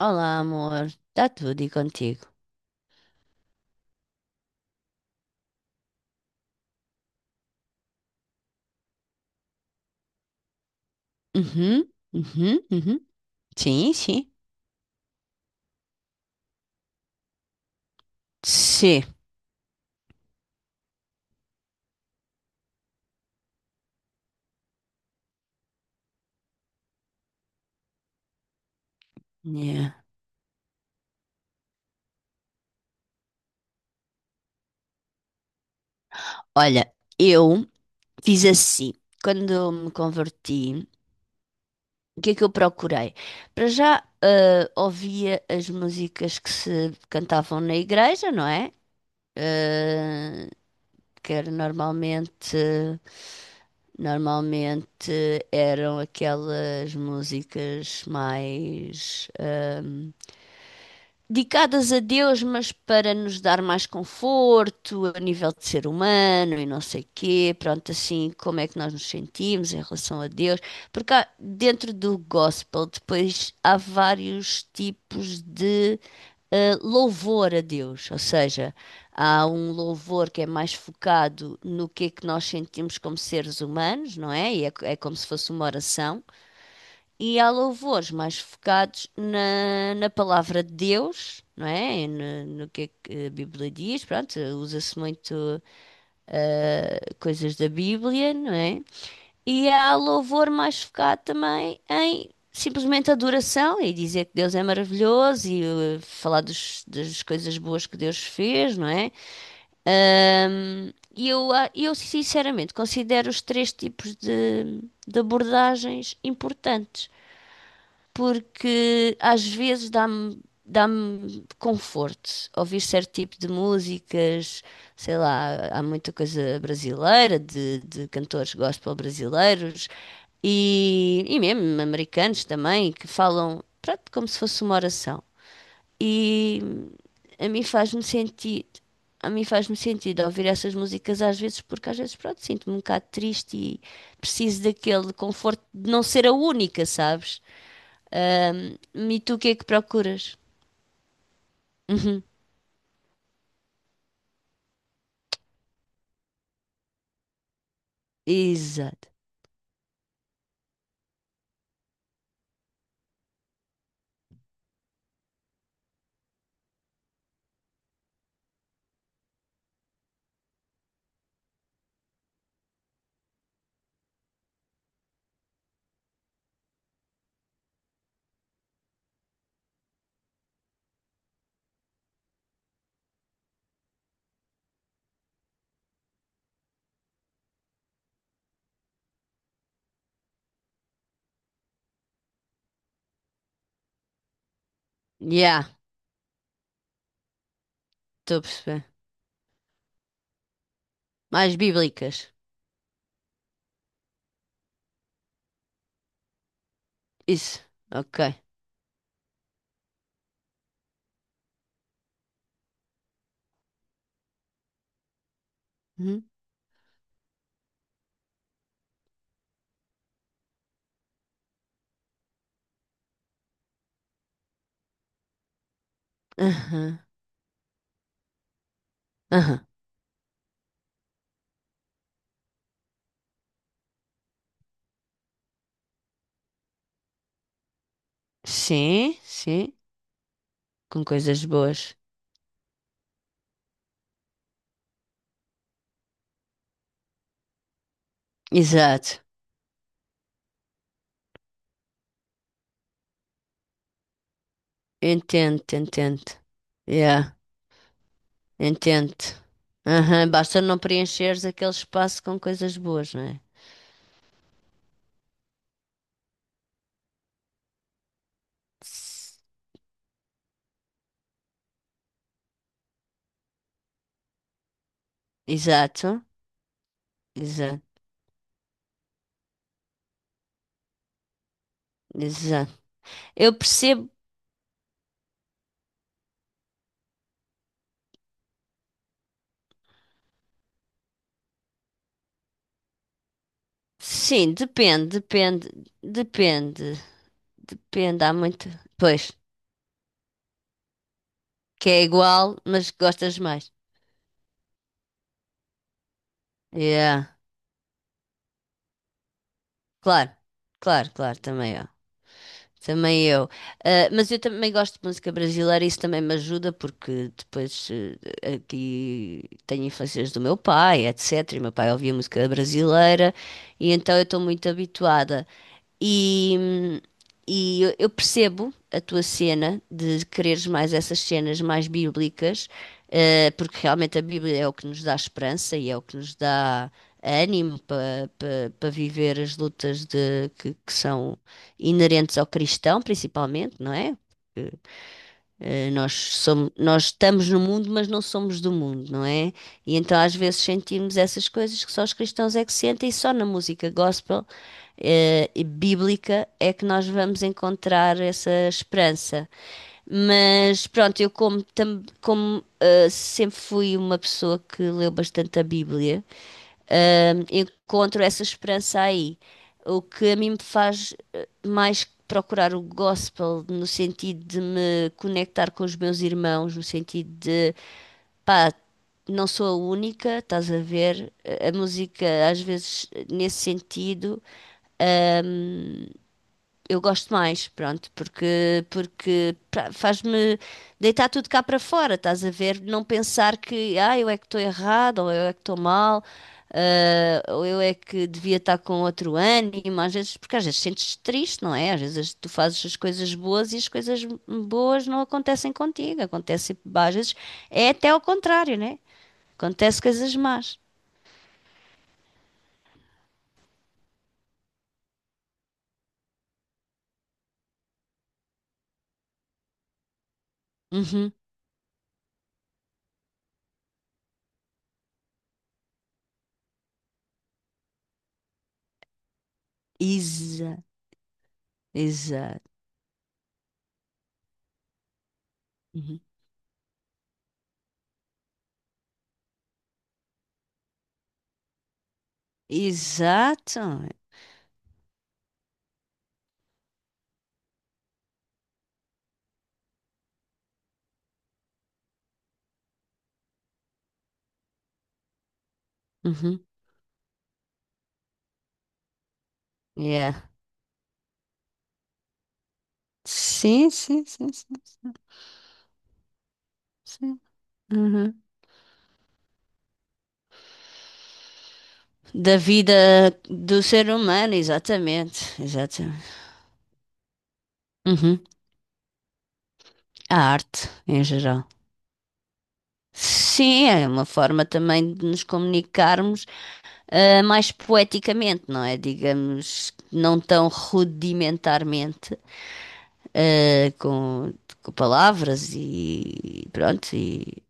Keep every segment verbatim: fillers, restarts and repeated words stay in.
Olá, amor. Está tudo e contigo? Uhum, uhum, uhum. Sim, sim. Sim. Yeah. Olha, eu fiz assim. Quando me converti, o que é que eu procurei? Para já, eh, ouvia as músicas que se cantavam na igreja, não é? Eh, que era normalmente, normalmente eram aquelas músicas mais ehm, dedicadas a Deus, mas para nos dar mais conforto a nível de ser humano e não sei quê, pronto, assim, como é que nós nos sentimos em relação a Deus, porque há- dentro do gospel depois há vários tipos de eh, louvor a Deus, ou seja, há um louvor que é mais focado no que é que nós sentimos como seres humanos, não é? E é, é como se fosse uma oração. E há louvores mais focados na, na palavra de Deus, não é? No, no que é que a Bíblia diz, pronto, usa-se muito eh, coisas da Bíblia, não é? E há louvor mais focado também em simplesmente adoração e dizer que Deus é maravilhoso e eh, falar dos- das coisas boas que Deus fez, não é? Ahm, E eu, a- eu sinceramente considero os três tipos de, de abordagens importantes porque às vezes dá-me dá-me conforto ouvir certo tipo de músicas, sei lá, há muita coisa brasileira, de, de cantores gospel brasileiros e, e mesmo americanos também, que falam, pronto, como se fosse uma oração. E a mim faz-me sentido. A mim faz-me sentido ouvir essas músicas às vezes, porque às vezes, pronto, sinto-me um bocado triste e preciso daquele conforto de não ser a única, sabes? Ahm, e tu o que é que procuras? Uhum, exato. Yeah, estou a perceber. Mais bíblicas. Isso. Ok. Uhum. Aham. Aham. Sim, sim. Com coisas boas. Exato. Entendo, entendo. Yeah, entendo. Aham. Basta não preencheres aquele espaço com coisas boas, não é? S- Exato. Exato. Exato. Eu percebo. Sim, depende, depende, depende. Depende, há muito. Pois, que é igual, mas gostas mais. Yeah, claro, claro, claro, também. Também eu. Ah, mas eu também gosto de música brasileira, isso também me ajuda, porque depois eh, aqui tenho influências do meu pai, etcétera. E meu pai ouvia música brasileira, e então eu estou muito habituada. E, e eu eu percebo a tua cena de quereres mais essas cenas mais bíblicas, eh, porque realmente a Bíblia é o que nos dá esperança e é o que nos dá ânimo para viver as lutas de, que, que são inerentes ao cristão, principalmente, não é? Eh, Nós somos, nós estamos no mundo, mas não somos do mundo, não é? E então às vezes sentimos essas coisas que só os cristãos é que sentem, e só na música gospel, eh, e bíblica é que nós vamos encontrar essa esperança. Mas pronto, eu como, tam- como, eh, sempre fui uma pessoa que leu bastante a Bíblia, encontro essa esperança aí. O que a mim me faz eh, mais procurar o gospel no sentido de me conectar com os meus irmãos, no sentido de, pá, não sou a única, estás a ver? A música, às vezes, nesse sentido, eu gosto mais, pronto, porque, porque pra- faz-me deitar tudo cá para fora, estás a ver? Não pensar que, ah, eu é que estou errado, ou eu é que estou mal, ah, ou eu é que devia estar com outro ânimo, às vezes, porque às vezes sentes triste, não é? Às vezes tu fazes as coisas boas e as coisas boas não acontecem contigo, acontece, às vezes é até ao contrário, né? Acontece coisas más. Uhum. Exa, Exato. Uhum. Exato. Uhum. Yeah. Sim, sim, sim, sim, sim. Uhum. Da vida do ser humano, exatamente, exatamente. Uhum. A arte, em geral. Sim, é uma forma também de nos comunicarmos, ah, mais poeticamente, não é? Digamos, não tão rudimentarmente, ah, com, com palavras e pronto, e,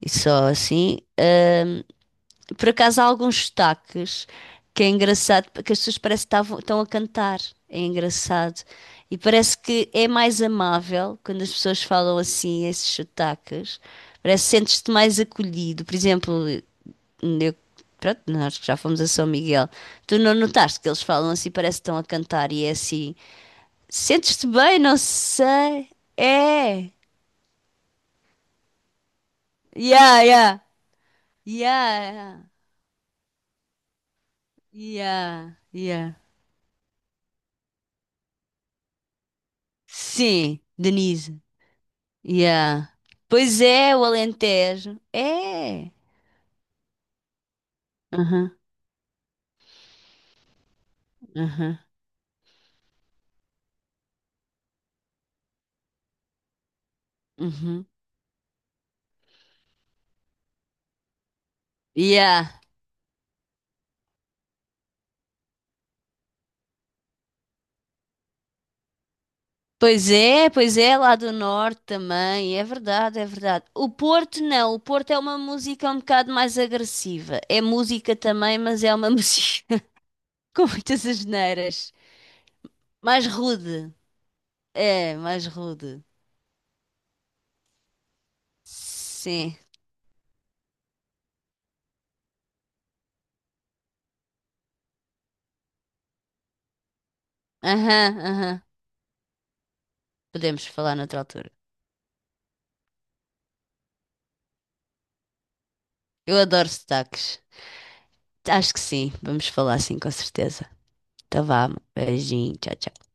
e só assim. Por acaso há alguns sotaques que é engraçado, porque as pessoas parece que estavam- estão a cantar. É engraçado. E parece que é mais amável quando as pessoas falam assim, esses sotaques. Parece que sentes-te mais acolhido. Por exemplo, eu, pronto, nós que já fomos a São Miguel, tu não notaste que eles falam assim, parece que estão a cantar e é assim. Sentes-te bem? Não sei. É. Yeah, yeah. Yeah, yeah. Yeah, yeah. Sim, Denise. Yeah. Pois é, o Alentejo. É. Aham, aham, uhum. Yeah. Pois é, pois é, lá do norte também. É verdade, é verdade. O Porto não, o Porto é uma música um bocado mais agressiva. É música também, mas é uma música com muitas asneiras. Mais rude. É, mais rude. Sim. Aham, aham. Podemos falar noutra altura. Eu adoro sotaques. Acho que sim, vamos falar sim, com certeza. Então vamos. Beijinho. Tchau, tchau.